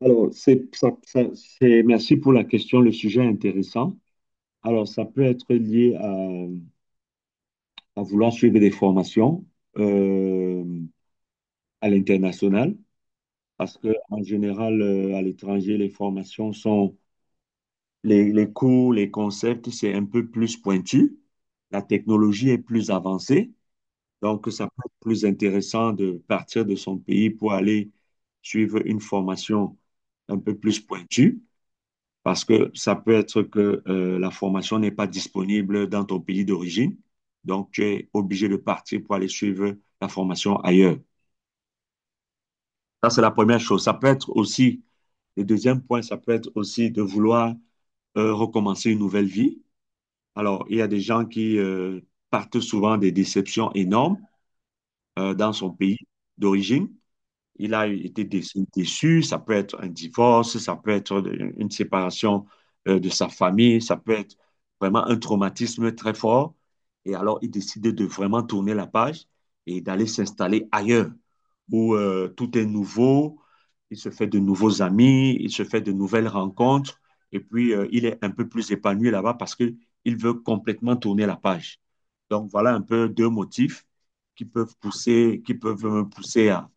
Alors, c'est, ça- ça- c'est- merci pour la question, le sujet est intéressant. Alors, ça peut être lié à vouloir suivre des formations euh, à l'international, parce que en général, à l'étranger, les cours, les concepts, c'est un peu plus pointu. La technologie est plus avancée, donc ça peut être plus intéressant de partir de son pays pour aller suivre une formation un peu plus pointue. Parce que ça peut être que la formation n'est pas disponible dans ton pays d'origine. Donc, tu es obligé de partir pour aller suivre la formation ailleurs. Ça, c'est la première chose. Ça peut être aussi, le deuxième point, ça peut être aussi de vouloir recommencer une nouvelle vie. Alors, il y a des gens qui partent souvent des déceptions énormes dans son pays d'origine. Il a été dé- déçu. Ça peut être un divorce, ça peut être une séparation de sa famille, ça peut être vraiment un traumatisme très fort. Et alors, il décide de vraiment tourner la page et d'aller s'installer ailleurs où tout est nouveau, il se fait de nouveaux amis, il se fait de nouvelles rencontres. Et puis, il est un peu plus épanoui là-bas parce qu'il veut complètement tourner la page. Donc, voilà un peu deux motifs qui peuvent pousser, qui peuvent me pousser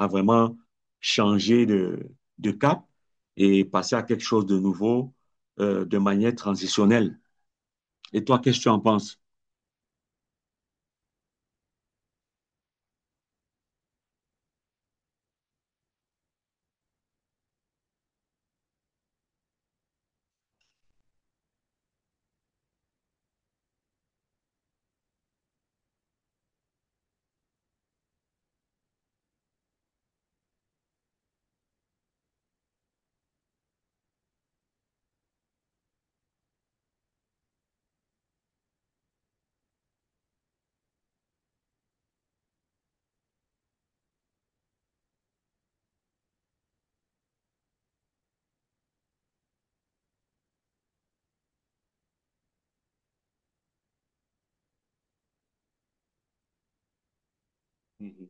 à vraiment changer de cap et passer à quelque chose de nouveau, de manière transitionnelle. Et toi, qu'est-ce que tu en penses? Mhm.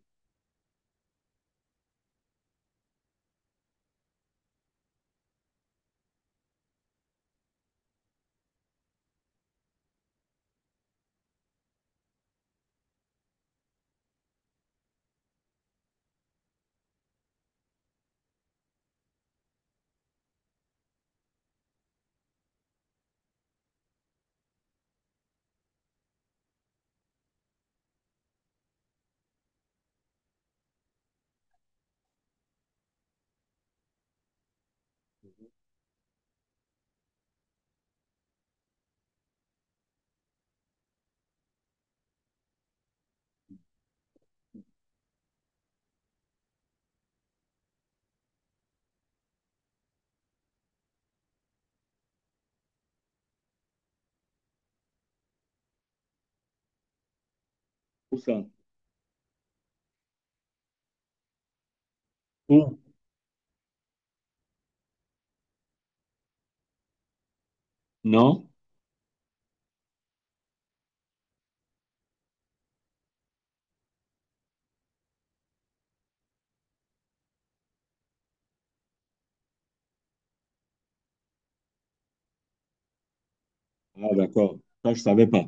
Pour ça. Pour? Non? Ah, d'accord. Ça, je ne savais pas.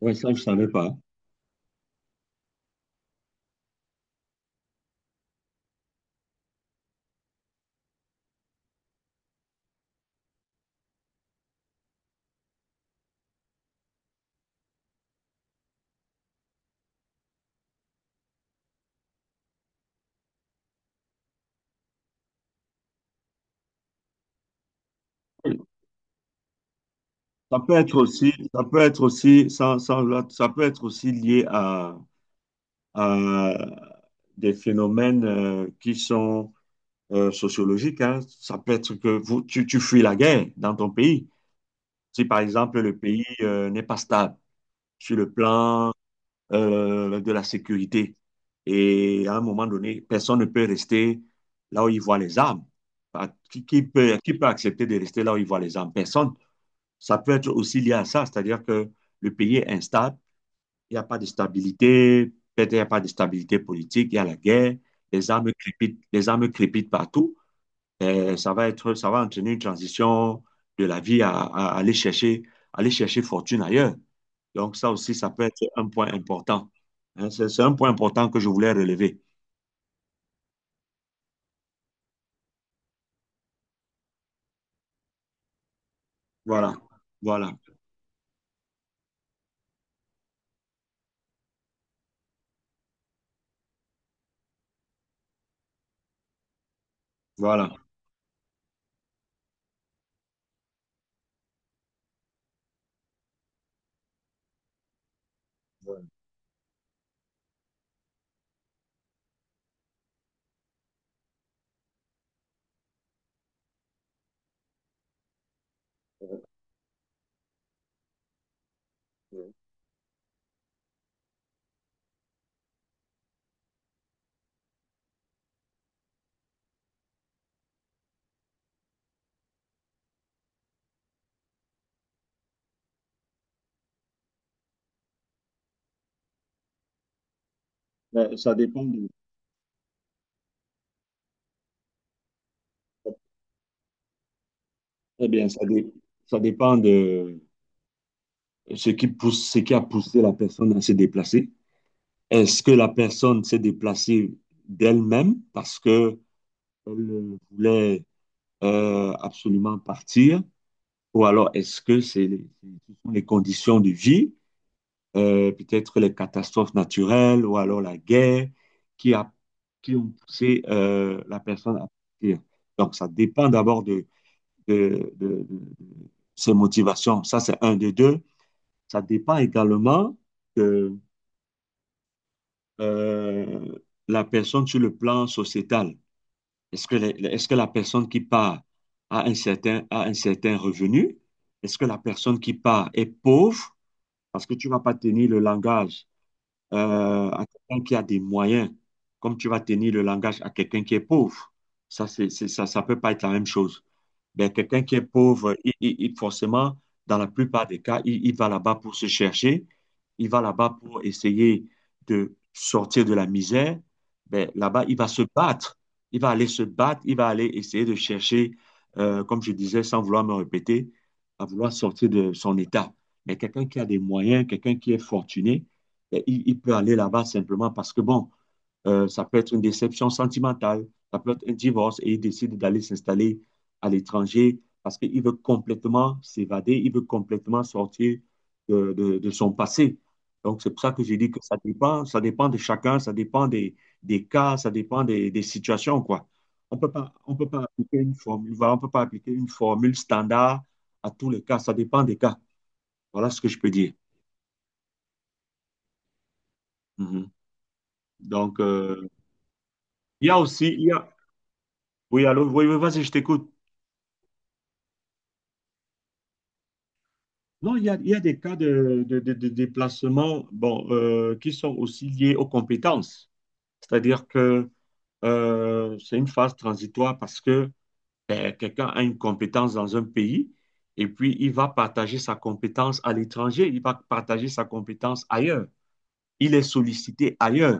Oui, ça, je savais pas. Ça peut être aussi, ça peut être aussi, ça peut être aussi lié à des phénomènes qui sont sociologiques, hein. Ça peut être que tu fuis la guerre dans ton pays. Si, par exemple, le pays n'est pas stable, sur le plan de la sécurité. Et à un moment donné, personne ne peut rester là où il voit les armes. Ah, qui, qui peut accepter de rester là où il voit les armes? Personne. Ça peut être aussi lié à ça, c'est-à-dire que le pays est instable, il n'y a pas de stabilité, peut-être il n'y a pas de stabilité politique, il y a la guerre, les armes crépitent partout. Et ça va être, ça va entraîner une transition de la vie à aller chercher fortune ailleurs. Donc, ça aussi, ça peut être un point important. Hein, c'est un point important que je voulais relever. Voilà, voilà, voilà. Mais ça dépend de, très bien, ça dépend de ce qui pousse, ce qui a poussé la personne à se déplacer. Est-ce que la personne s'est déplacée d'elle-même parce que elle voulait absolument partir, ou alors est-ce que ce sont les conditions de vie, peut-être les catastrophes naturelles, ou alors la guerre qui a, qui ont poussé la personne à partir. Donc, ça dépend d'abord de, de ses motivations. Ça, c'est un de deux. Ça dépend également de euh, la personne sur le plan sociétal. Est-ce que la personne qui part a un certain revenu? Est-ce que la personne qui part est pauvre? Parce que tu ne vas pas tenir le langage à quelqu'un qui a des moyens, comme tu vas tenir le langage à quelqu'un qui est pauvre. Ça, ça peut pas être la même chose. Ben, quelqu'un qui est pauvre, forcément, dans la plupart des cas, il va là-bas pour se chercher, il va là-bas pour essayer de sortir de la misère. Ben, là-bas, il va se battre, il va aller se battre, il va aller essayer de chercher, comme je disais, sans vouloir me répéter, à vouloir sortir de son état. Mais quelqu'un qui a des moyens, quelqu'un qui est fortuné, ben, il peut aller là-bas simplement parce que, bon, ça peut être une déception sentimentale, ça peut être un divorce et il décide d'aller s'installer à l'étranger parce qu'il veut complètement s'évader, il veut complètement sortir de, de son passé. Donc, c'est pour ça que j'ai dit que ça dépend de chacun, ça dépend des cas, ça dépend des situations, quoi. On peut pas appliquer une formule, voilà, on peut pas appliquer une formule standard à tous les cas, ça dépend des cas. Voilà ce que je peux dire. Mhm. Donc, il y a aussi, il y a… Oui, allô, oui, oui, vas-y, je t'écoute. Non, il y a des cas de, de déplacement, bon, qui sont aussi liés aux compétences. C'est-à-dire que c'est une phase transitoire parce que ben, quelqu'un a une compétence dans un pays et puis il va partager sa compétence à l'étranger, il va partager sa compétence ailleurs. Il est sollicité ailleurs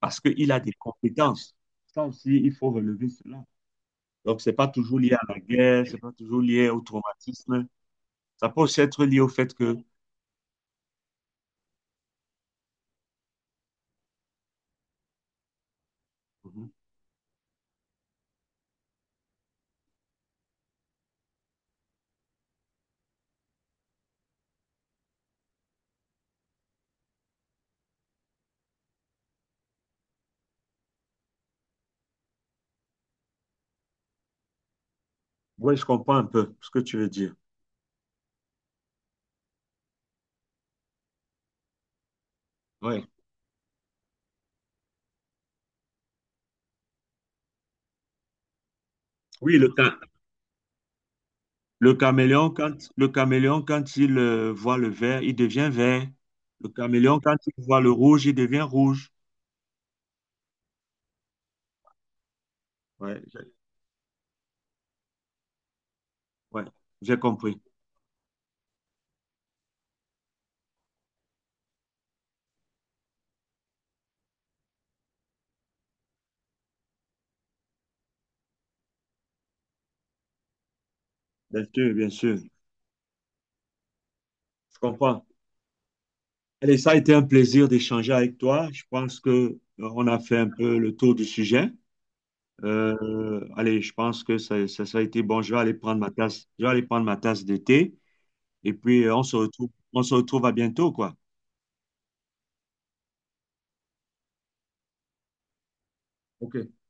parce qu'il a des compétences. Ça aussi, il faut relever cela. Donc, ce n'est pas toujours lié à la guerre, ce n'est pas toujours lié au traumatisme. Ça peut aussi être lié au fait que… Oui, je comprends un peu ce que tu veux dire. Oui. Oui, le caméléon, quand il voit le vert, il devient vert. Le caméléon, quand il voit le rouge, il devient rouge. Oui, j'ai ouais, j'ai compris. Bien sûr, bien sûr. Je comprends. Allez, ça a été un plaisir d'échanger avec toi. Je pense que on a fait un peu le tour du sujet. Allez, je pense que ça a été bon. Je vais aller prendre ma tasse, je vais aller prendre ma tasse de thé. Et puis, on se retrouve à bientôt, quoi. OK.